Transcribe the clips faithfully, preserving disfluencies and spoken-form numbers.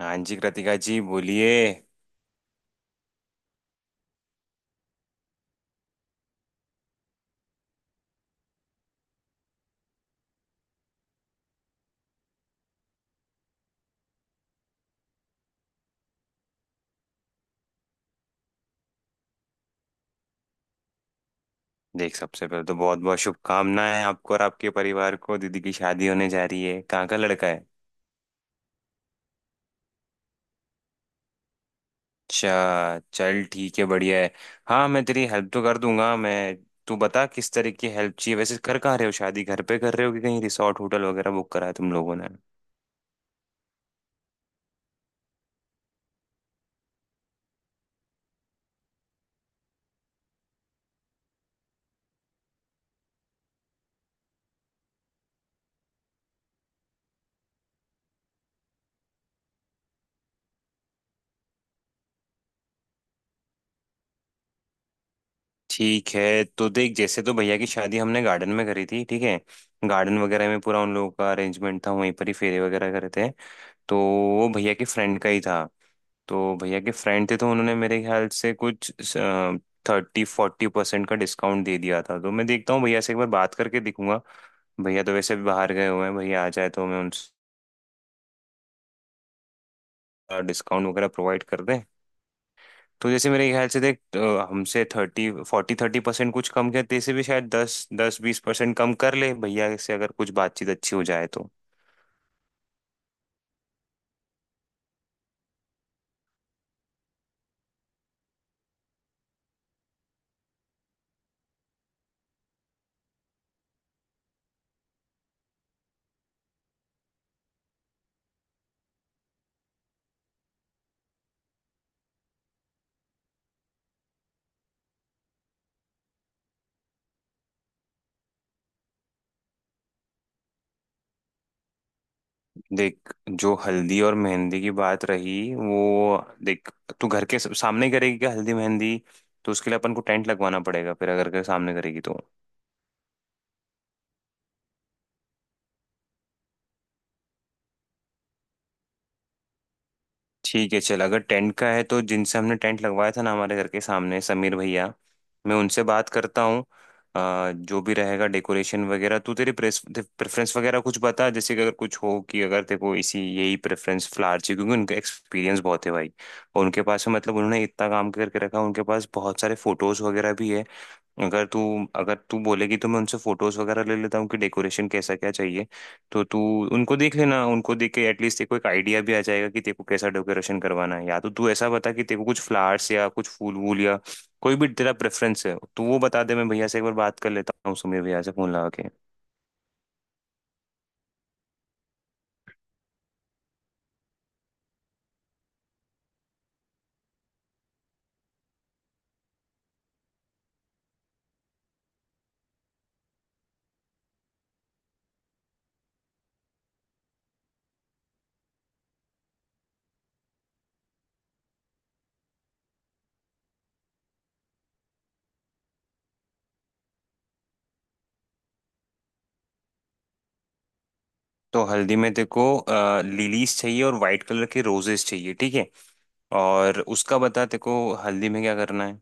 हाँ जी कृतिका जी बोलिए। देख, सबसे पहले तो बहुत बहुत शुभकामनाएं आपको और आपके परिवार को। दीदी की शादी होने जा रही है, कहाँ का लड़का है? अच्छा, चल ठीक है, बढ़िया है। हाँ, मैं तेरी हेल्प तो कर दूंगा। मैं तू बता किस तरह की हेल्प चाहिए। वैसे कर कहाँ रहे हो, शादी घर पे कर रहे हो कि कहीं रिसोर्ट होटल वगैरह बुक करा है तुम लोगों ने? ठीक है, तो देख, जैसे तो भैया की शादी हमने गार्डन में करी थी ठीक है। गार्डन वगैरह में पूरा उन लोगों का अरेंजमेंट था, वहीं पर ही फेरे वगैरह करे थे। तो वो भैया के फ्रेंड का ही था। तो भैया के फ्रेंड थे तो उन्होंने मेरे ख्याल से कुछ थर्टी फोर्टी परसेंट का डिस्काउंट दे दिया था। तो मैं देखता हूँ, भैया से एक बार बात करके देखूंगा। भैया तो वैसे भी बाहर गए हुए हैं, भैया आ जाए तो मैं उनसे डिस्काउंट वगैरह प्रोवाइड कर दें। तो जैसे मेरे ख्याल से देख, अ, हमसे थर्टी फोर्टी थर्टी परसेंट कुछ कम किया जैसे भी। शायद दस दस बीस परसेंट कम कर ले भैया से अगर कुछ बातचीत अच्छी हो जाए तो। देख, जो हल्दी और मेहंदी की बात रही वो, देख, तू घर के सामने ही करेगी क्या हल्दी मेहंदी? तो उसके लिए अपन को टेंट लगवाना पड़ेगा, फिर अगर घर के सामने करेगी तो। ठीक है चल, अगर टेंट का है तो जिनसे हमने टेंट लगवाया था ना हमारे घर के सामने, समीर भैया, मैं उनसे बात करता हूँ। अ, जो भी रहेगा डेकोरेशन वगैरह, तू तेरी प्रेस प्रेफरेंस वगैरह कुछ बता। जैसे कि अगर कुछ हो, कि अगर तेरे को इसी यही प्रेफरेंस फ्लावर चाहिए, क्योंकि उनका एक्सपीरियंस बहुत है भाई। और उनके पास में मतलब उन्होंने इतना काम करके रखा, उनके पास बहुत सारे फोटोज वगैरह भी है। अगर तू अगर तू बोलेगी तो मैं उनसे फोटोज वगैरह ले लेता हूँ कि डेकोरेशन कैसा क्या चाहिए। तो तू उनको देख लेना, उनको देख के एटलीस्ट तेरे को एक आइडिया भी आ जाएगा कि तेरे को कैसा डेकोरेशन करवाना है। या तो तू ऐसा बता कि तेरे को कुछ फ्लावर्स या कुछ फूल वूल या कोई भी तेरा प्रेफरेंस है तो वो बता दे। मैं भैया से एक बार बात कर लेता हूँ, सुमीर भैया से फोन लगा के। तो हल्दी में तेरे को लिलीज चाहिए और वाइट कलर के रोजेस चाहिए ठीक है। और उसका बता, तेरे को हल्दी में क्या करना है।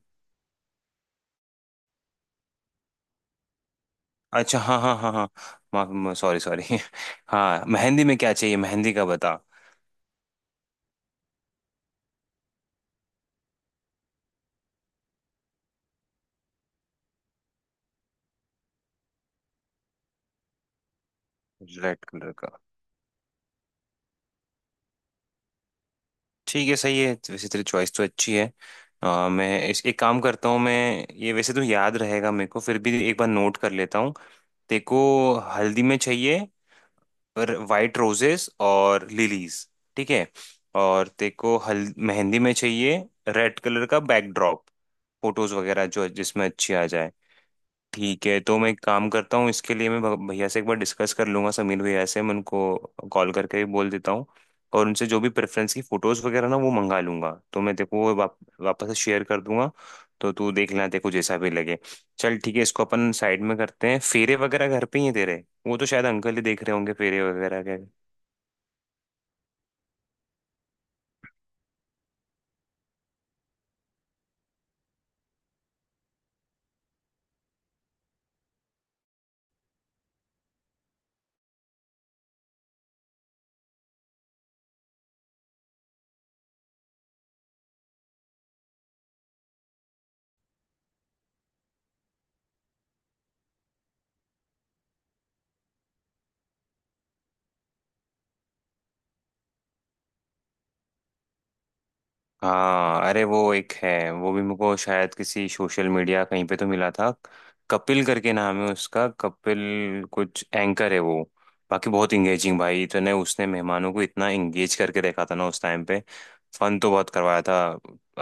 अच्छा, हाँ हाँ हाँ हाँ। माफ, सॉरी सॉरी। हाँ, मेहंदी में क्या चाहिए, मेहंदी का बता। रेड कलर का, ठीक है। सही है, वैसे तेरी चॉइस तो अच्छी है। आ, मैं इस एक काम करता हूँ। मैं ये वैसे तो याद रहेगा मेरे को, फिर भी एक बार नोट कर लेता हूँ। तेरे को हल्दी में चाहिए पर वाइट रोजेस और लिलीज ठीक है। और तेरे को हल मेहंदी में चाहिए रेड कलर का बैकड्रॉप, फोटोज वगैरह जो जिसमें अच्छी आ जाए। ठीक है, तो मैं एक काम करता हूँ, इसके लिए मैं भ- भैया से एक बार डिस्कस कर लूंगा, समीर भैया से। मैं उनको कॉल करके भी बोल देता हूँ। और उनसे जो भी प्रेफरेंस की फ़ोटोज़ वगैरह ना वो मंगा लूंगा, तो मैं तेको वो वाप, वापस से शेयर कर दूंगा। तो तू देख लेना, तेको जैसा भी लगे। चल ठीक है, इसको अपन साइड में करते हैं। फेरे वगैरह घर पे ही है तेरे, वो तो शायद अंकल ही देख रहे होंगे फेरे वगैरह के। हाँ, अरे वो एक है, वो भी मुझको शायद किसी सोशल मीडिया कहीं पे तो मिला था। कपिल करके नाम है उसका, कपिल कुछ। एंकर है वो। बाकी बहुत इंगेजिंग भाई, इतने उसने मेहमानों को इतना इंगेज करके देखा था ना उस टाइम पे। फन तो बहुत करवाया था।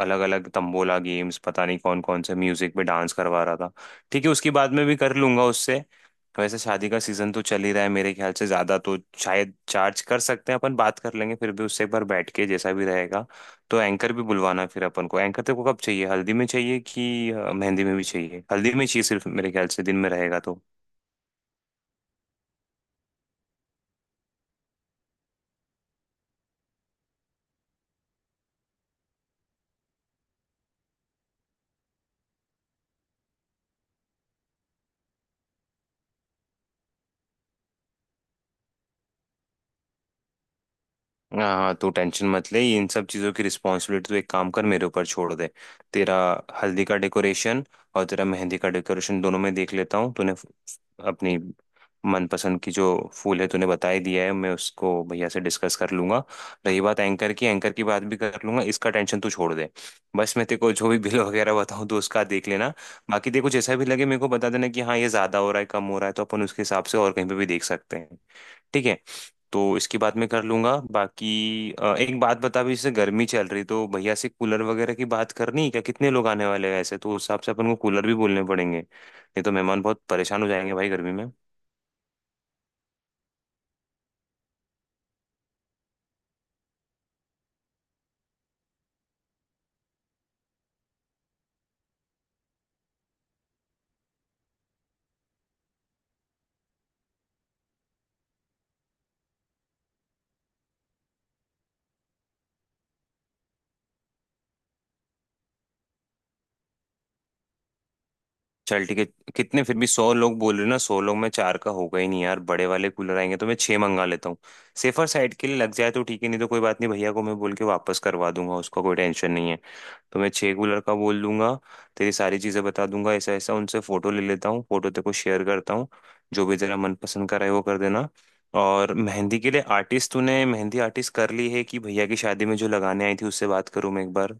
अलग अलग तंबोला गेम्स, पता नहीं कौन कौन से म्यूजिक पे डांस करवा रहा था। ठीक है, उसकी बाद में भी कर लूंगा उससे। वैसे शादी का सीजन तो चल ही रहा है, मेरे ख्याल से ज्यादा तो शायद चार्ज कर सकते हैं। अपन बात कर लेंगे, फिर भी उससे एक बार बैठ के, जैसा भी रहेगा। तो एंकर भी बुलवाना फिर अपन को। एंकर तेरे को कब चाहिए, हल्दी में चाहिए कि अ, मेहंदी में भी चाहिए? हल्दी में चाहिए सिर्फ, मेरे ख्याल से दिन में रहेगा तो। हाँ हाँ, तू टेंशन मत ले, इन सब चीज़ों की रिस्पॉन्सिबिलिटी तो, एक काम कर मेरे ऊपर छोड़ दे। तेरा हल्दी का डेकोरेशन और तेरा मेहंदी का डेकोरेशन दोनों में देख लेता हूँ। तूने अपनी मनपसंद की जो फूल है तूने बता ही दिया है, मैं उसको भैया से डिस्कस कर लूंगा। रही बात एंकर की, एंकर की बात भी कर लूंगा, इसका टेंशन तू छोड़ दे। बस मैं तेरे को जो भी बिल वगैरह बताऊँ तो उसका देख लेना। बाकी देखो जैसा भी लगे मेरे को बता देना कि हाँ ये ज्यादा हो रहा है, कम हो रहा है, तो अपन उसके हिसाब से और कहीं पे भी देख सकते हैं ठीक है। तो इसके बाद में कर लूंगा। बाकी अ, एक बात बता भी, जैसे गर्मी चल रही तो भैया से कूलर वगैरह की बात करनी है क्या? कितने लोग आने वाले हैं ऐसे, तो उस हिसाब से अपन को कूलर भी बोलने पड़ेंगे, नहीं तो मेहमान बहुत परेशान हो जाएंगे भाई गर्मी में। चल ठीक है, कितने, फिर भी सौ लोग बोल रहे हो ना, सौ लोग में चार का होगा ही नहीं यार, बड़े वाले कूलर आएंगे तो मैं छः मंगा लेता हूँ। सेफर साइड के लिए लग जाए तो ठीक है, नहीं तो कोई बात नहीं, भैया को मैं बोल के वापस करवा दूंगा, उसका कोई टेंशन नहीं है। तो मैं छः को लड़का बोल दूंगा, तेरी सारी चीज़ें बता दूंगा ऐसा ऐसा। उनसे फ़ोटो ले लेता हूँ, फ़ोटो तेरे को शेयर करता हूँ, जो भी तेरा मनपसंद का रहे वो कर देना। और मेहंदी के लिए आर्टिस्ट, तूने मेहंदी आर्टिस्ट कर ली है कि भैया की शादी में जो लगाने आई थी उससे बात करूँ मैं एक बार?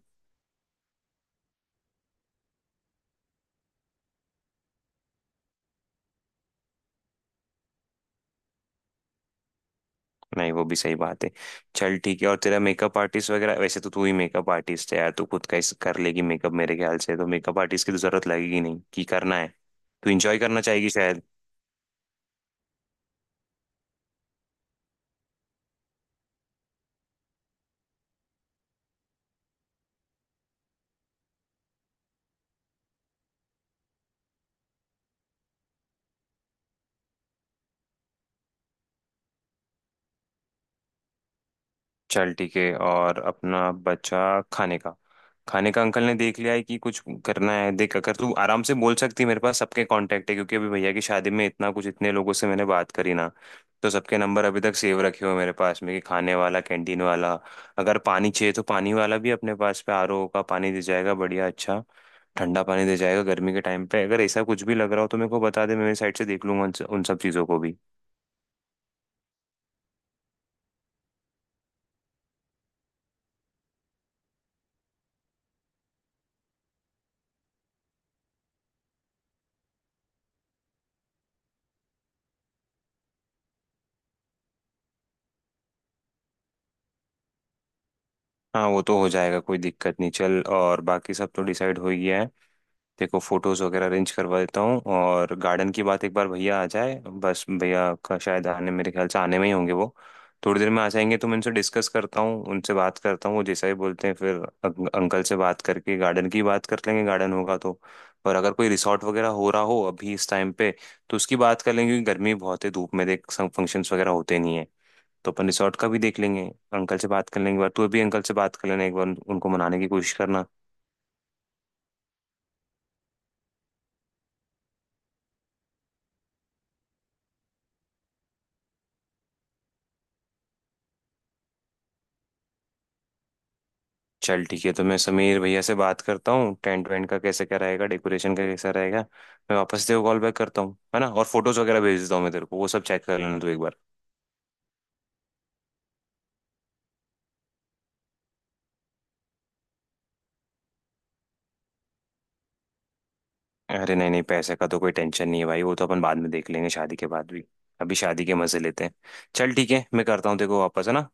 नहीं, वो भी सही बात है। चल ठीक है, और तेरा मेकअप आर्टिस्ट वगैरह, वैसे तो तू ही मेकअप आर्टिस्ट है यार, तू खुद का ही कर लेगी मेकअप, मेरे ख्याल से तो मेकअप आर्टिस्ट की तो जरूरत लगेगी नहीं कि करना है। तू इंजॉय करना चाहेगी शायद। चल ठीक है, और अपना बचा खाने का, खाने का अंकल ने देख लिया है कि कुछ करना है? देख, अगर तू आराम से बोल सकती है, मेरे पास सबके कांटेक्ट है, क्योंकि अभी भैया की शादी में इतना कुछ इतने लोगों से मैंने बात करी ना, तो सबके नंबर अभी तक सेव रखे हुए हैं मेरे पास में, कि खाने वाला, कैंटीन वाला, अगर पानी चाहिए तो पानी वाला भी। अपने पास पे आरओ का पानी दे जाएगा, बढ़िया अच्छा ठंडा पानी दे जाएगा गर्मी के टाइम पे। अगर ऐसा कुछ भी लग रहा हो तो मेरे को बता दे, मैं मेरी साइड से देख लूंगा उन उन सब चीज़ों को भी। हाँ, वो तो हो जाएगा, कोई दिक्कत नहीं। चल, और बाकी सब तो डिसाइड हो ही गया है। देखो, फोटोज वगैरह अरेंज करवा देता हूँ, और गार्डन की बात एक बार भैया आ जाए बस। भैया का शायद आने, मेरे ख्याल से आने में ही होंगे वो, थोड़ी देर में आ जाएंगे, तो मैं उनसे डिस्कस करता हूँ, उनसे बात करता हूँ, वो जैसा ही बोलते हैं फिर अं- अंकल से बात करके गार्डन की बात कर लेंगे। गार्डन होगा तो, और अगर कोई रिसॉर्ट वगैरह हो रहा हो अभी इस टाइम पे तो उसकी बात कर लेंगे, क्योंकि गर्मी बहुत है, धूप में देख फंक्शंस वगैरह होते नहीं है, तो अपन रिसॉर्ट का भी देख लेंगे। अंकल से बात कर लेंगे एक बार, तू भी अंकल से बात कर लेना एक बार, उन- उनको मनाने की कोशिश करना। चल ठीक है, तो मैं समीर भैया से बात करता हूँ, टेंट वेंट का कैसे क्या रहेगा, डेकोरेशन का कैसा रहेगा। मैं वापस तेरे को कॉल बैक करता हूँ है ना, और फोटोज वगैरह भेज देता हूँ मैं तेरे को, वो सब चेक कर लेना तू एक बार। अरे नहीं नहीं, पैसे का तो कोई टेंशन नहीं है भाई, वो तो अपन बाद में देख लेंगे, शादी के बाद भी। अभी शादी के मजे लेते हैं। चल ठीक है, मैं करता हूँ तेरे को वापस है ना।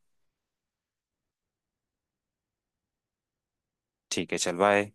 ठीक है चल बाय।